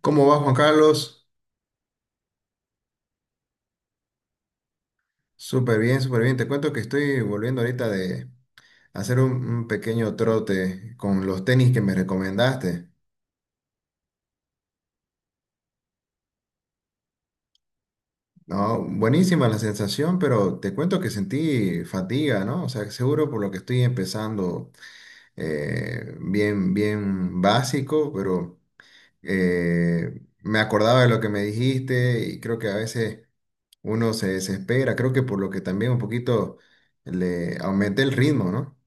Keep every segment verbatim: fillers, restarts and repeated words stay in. ¿Cómo va Juan Carlos? Súper bien, súper bien. Te cuento que estoy volviendo ahorita de hacer un, un pequeño trote con los tenis que me recomendaste. No, buenísima la sensación, pero te cuento que sentí fatiga, ¿no? O sea, seguro por lo que estoy empezando eh, bien, bien básico, pero eh, me acordaba de lo que me dijiste y creo que a veces uno se desespera. Creo que por lo que también un poquito le aumenté el ritmo, ¿no?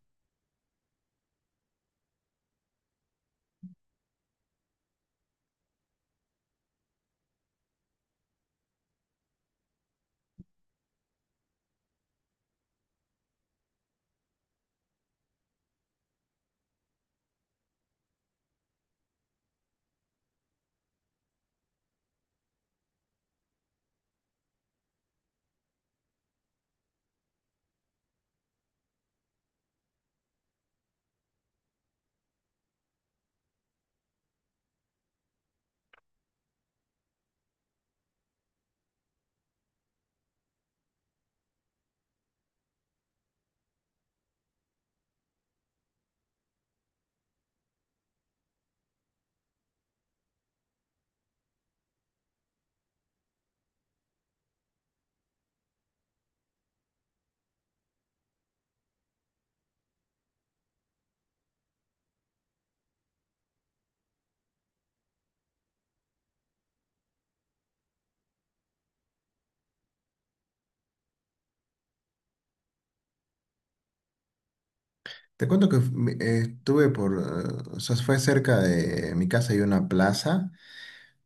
Te cuento que fu- me- eh, estuve por, eh, o sea, fue cerca de mi casa y una plaza,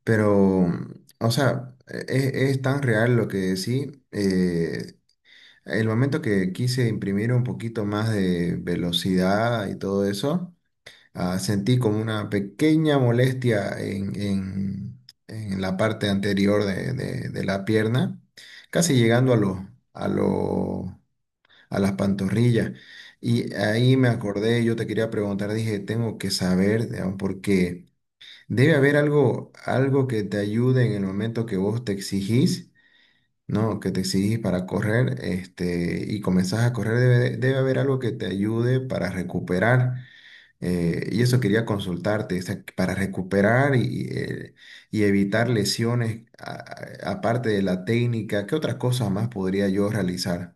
pero, o sea, e- e- es, tan real lo que decí. Eh, el momento que quise imprimir un poquito más de velocidad y todo eso, ah, sentí como una pequeña molestia en, en- en la parte anterior de, de- de la pierna, casi llegando a los, a las pantorrillas. Y ahí me acordé, yo te quería preguntar, dije, tengo que saber, digamos, porque debe haber algo, algo que te ayude en el momento que vos te exigís, ¿no? Que te exigís para correr, este, y comenzás a correr, debe, debe haber algo que te ayude para recuperar. Eh, y eso quería consultarte, o sea, para recuperar y, eh, y evitar lesiones, a- a- aparte de la técnica, ¿qué otras cosas más podría yo realizar?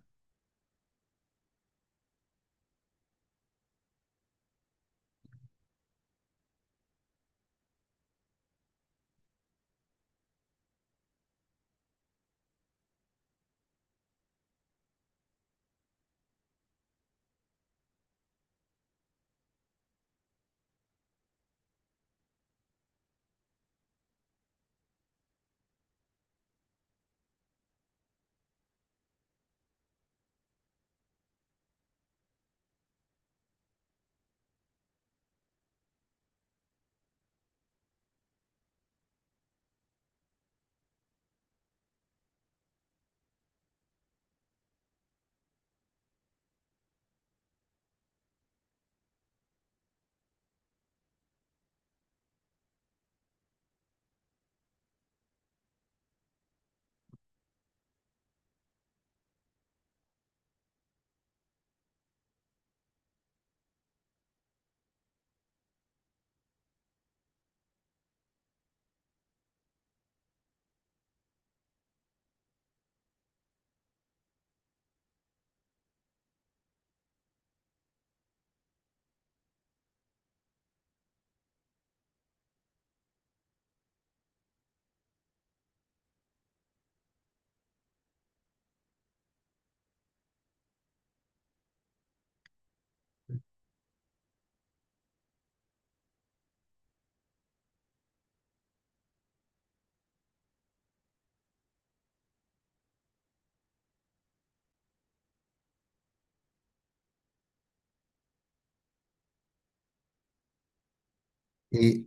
Y,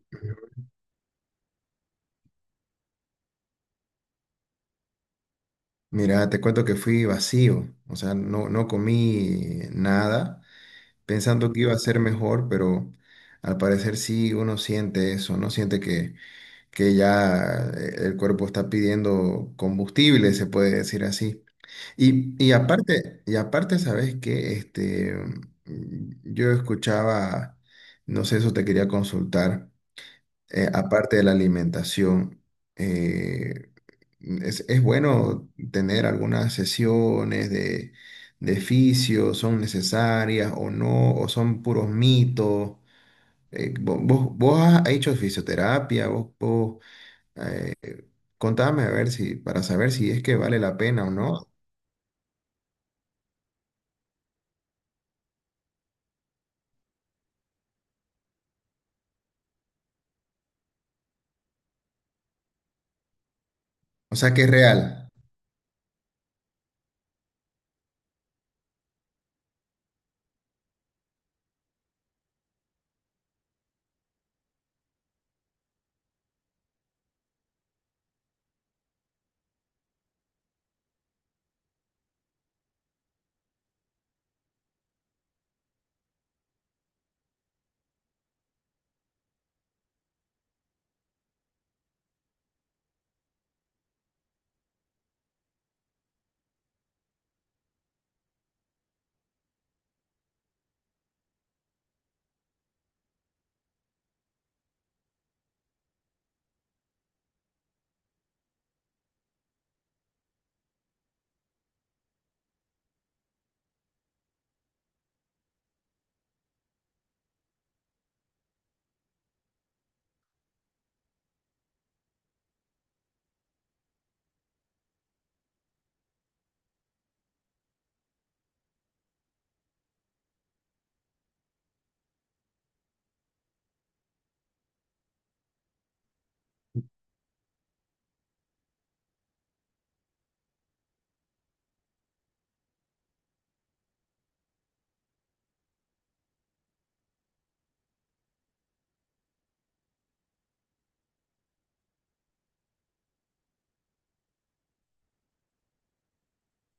mira, te cuento que fui vacío, o sea, no, no comí nada, pensando que iba a ser mejor, pero al parecer sí uno siente eso, ¿no? Siente que, que ya eh, el cuerpo está pidiendo combustible, se puede decir así. Y, y claro, aparte, y aparte, ¿sabes qué? Este, mm, yo escuchaba, no sé, eso te quería consultar, eh, aparte de la alimentación, eh, es, es bueno tener algunas sesiones de, de fisio, son necesarias o no, o son puros mitos. Eh, vo- vos, vos has hecho fisioterapia, vos, vos, eh, contame a ver si, para saber si es que vale la pena o no. O sea, que es real.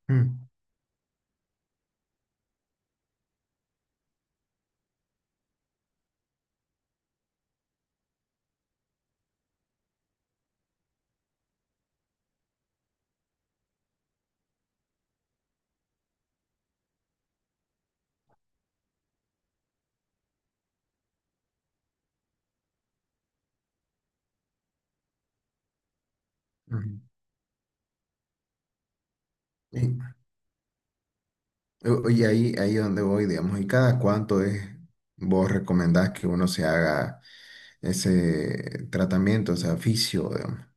Mm, ujú. Y, o- y ahí, ahí donde voy, digamos, ¿y cada cuánto es vos recomendás que uno se haga ese tratamiento, o sea, fisio, digamos?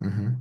Ujú.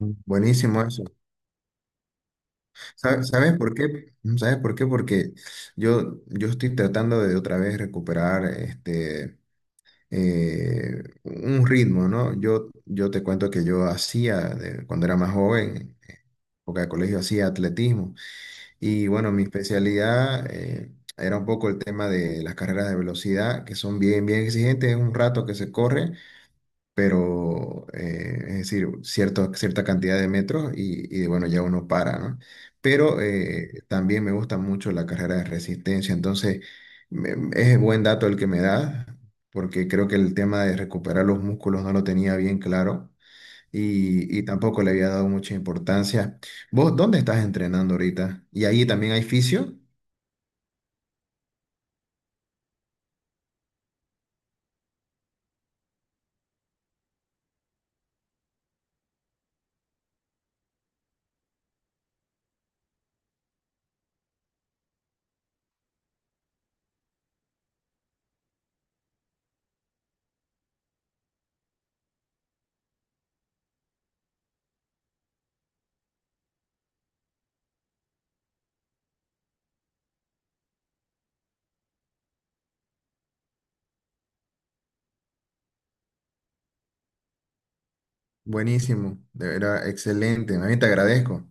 Mm. Buenísimo eso. Sa- ¿Sabes por qué? ¿Sabes por qué? Porque yo, yo estoy tratando de otra vez recuperar este, eh, un ritmo, ¿no? Yo, yo te cuento que yo hacía, de- cuando era más joven, en época de colegio, hacía atletismo. Y bueno, mi especialidad eh, era un poco el tema de las carreras de velocidad, que son bien, bien exigentes, es un rato que se corre, pero eh, es decir, cierto, cierta cantidad de metros y, y bueno, ya uno para, ¿no? Pero eh, también me gusta mucho la carrera de resistencia, entonces me- es buen dato el que me da, porque creo que el tema de recuperar los músculos no lo tenía bien claro y, y tampoco le había dado mucha importancia. ¿Vos dónde estás entrenando ahorita? ¿Y ahí también hay fisio? Buenísimo, de verdad, excelente. A mí te agradezco.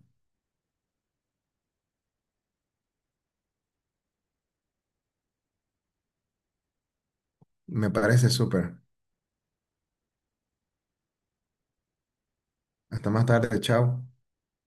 Me parece súper. Hasta más tarde, chao.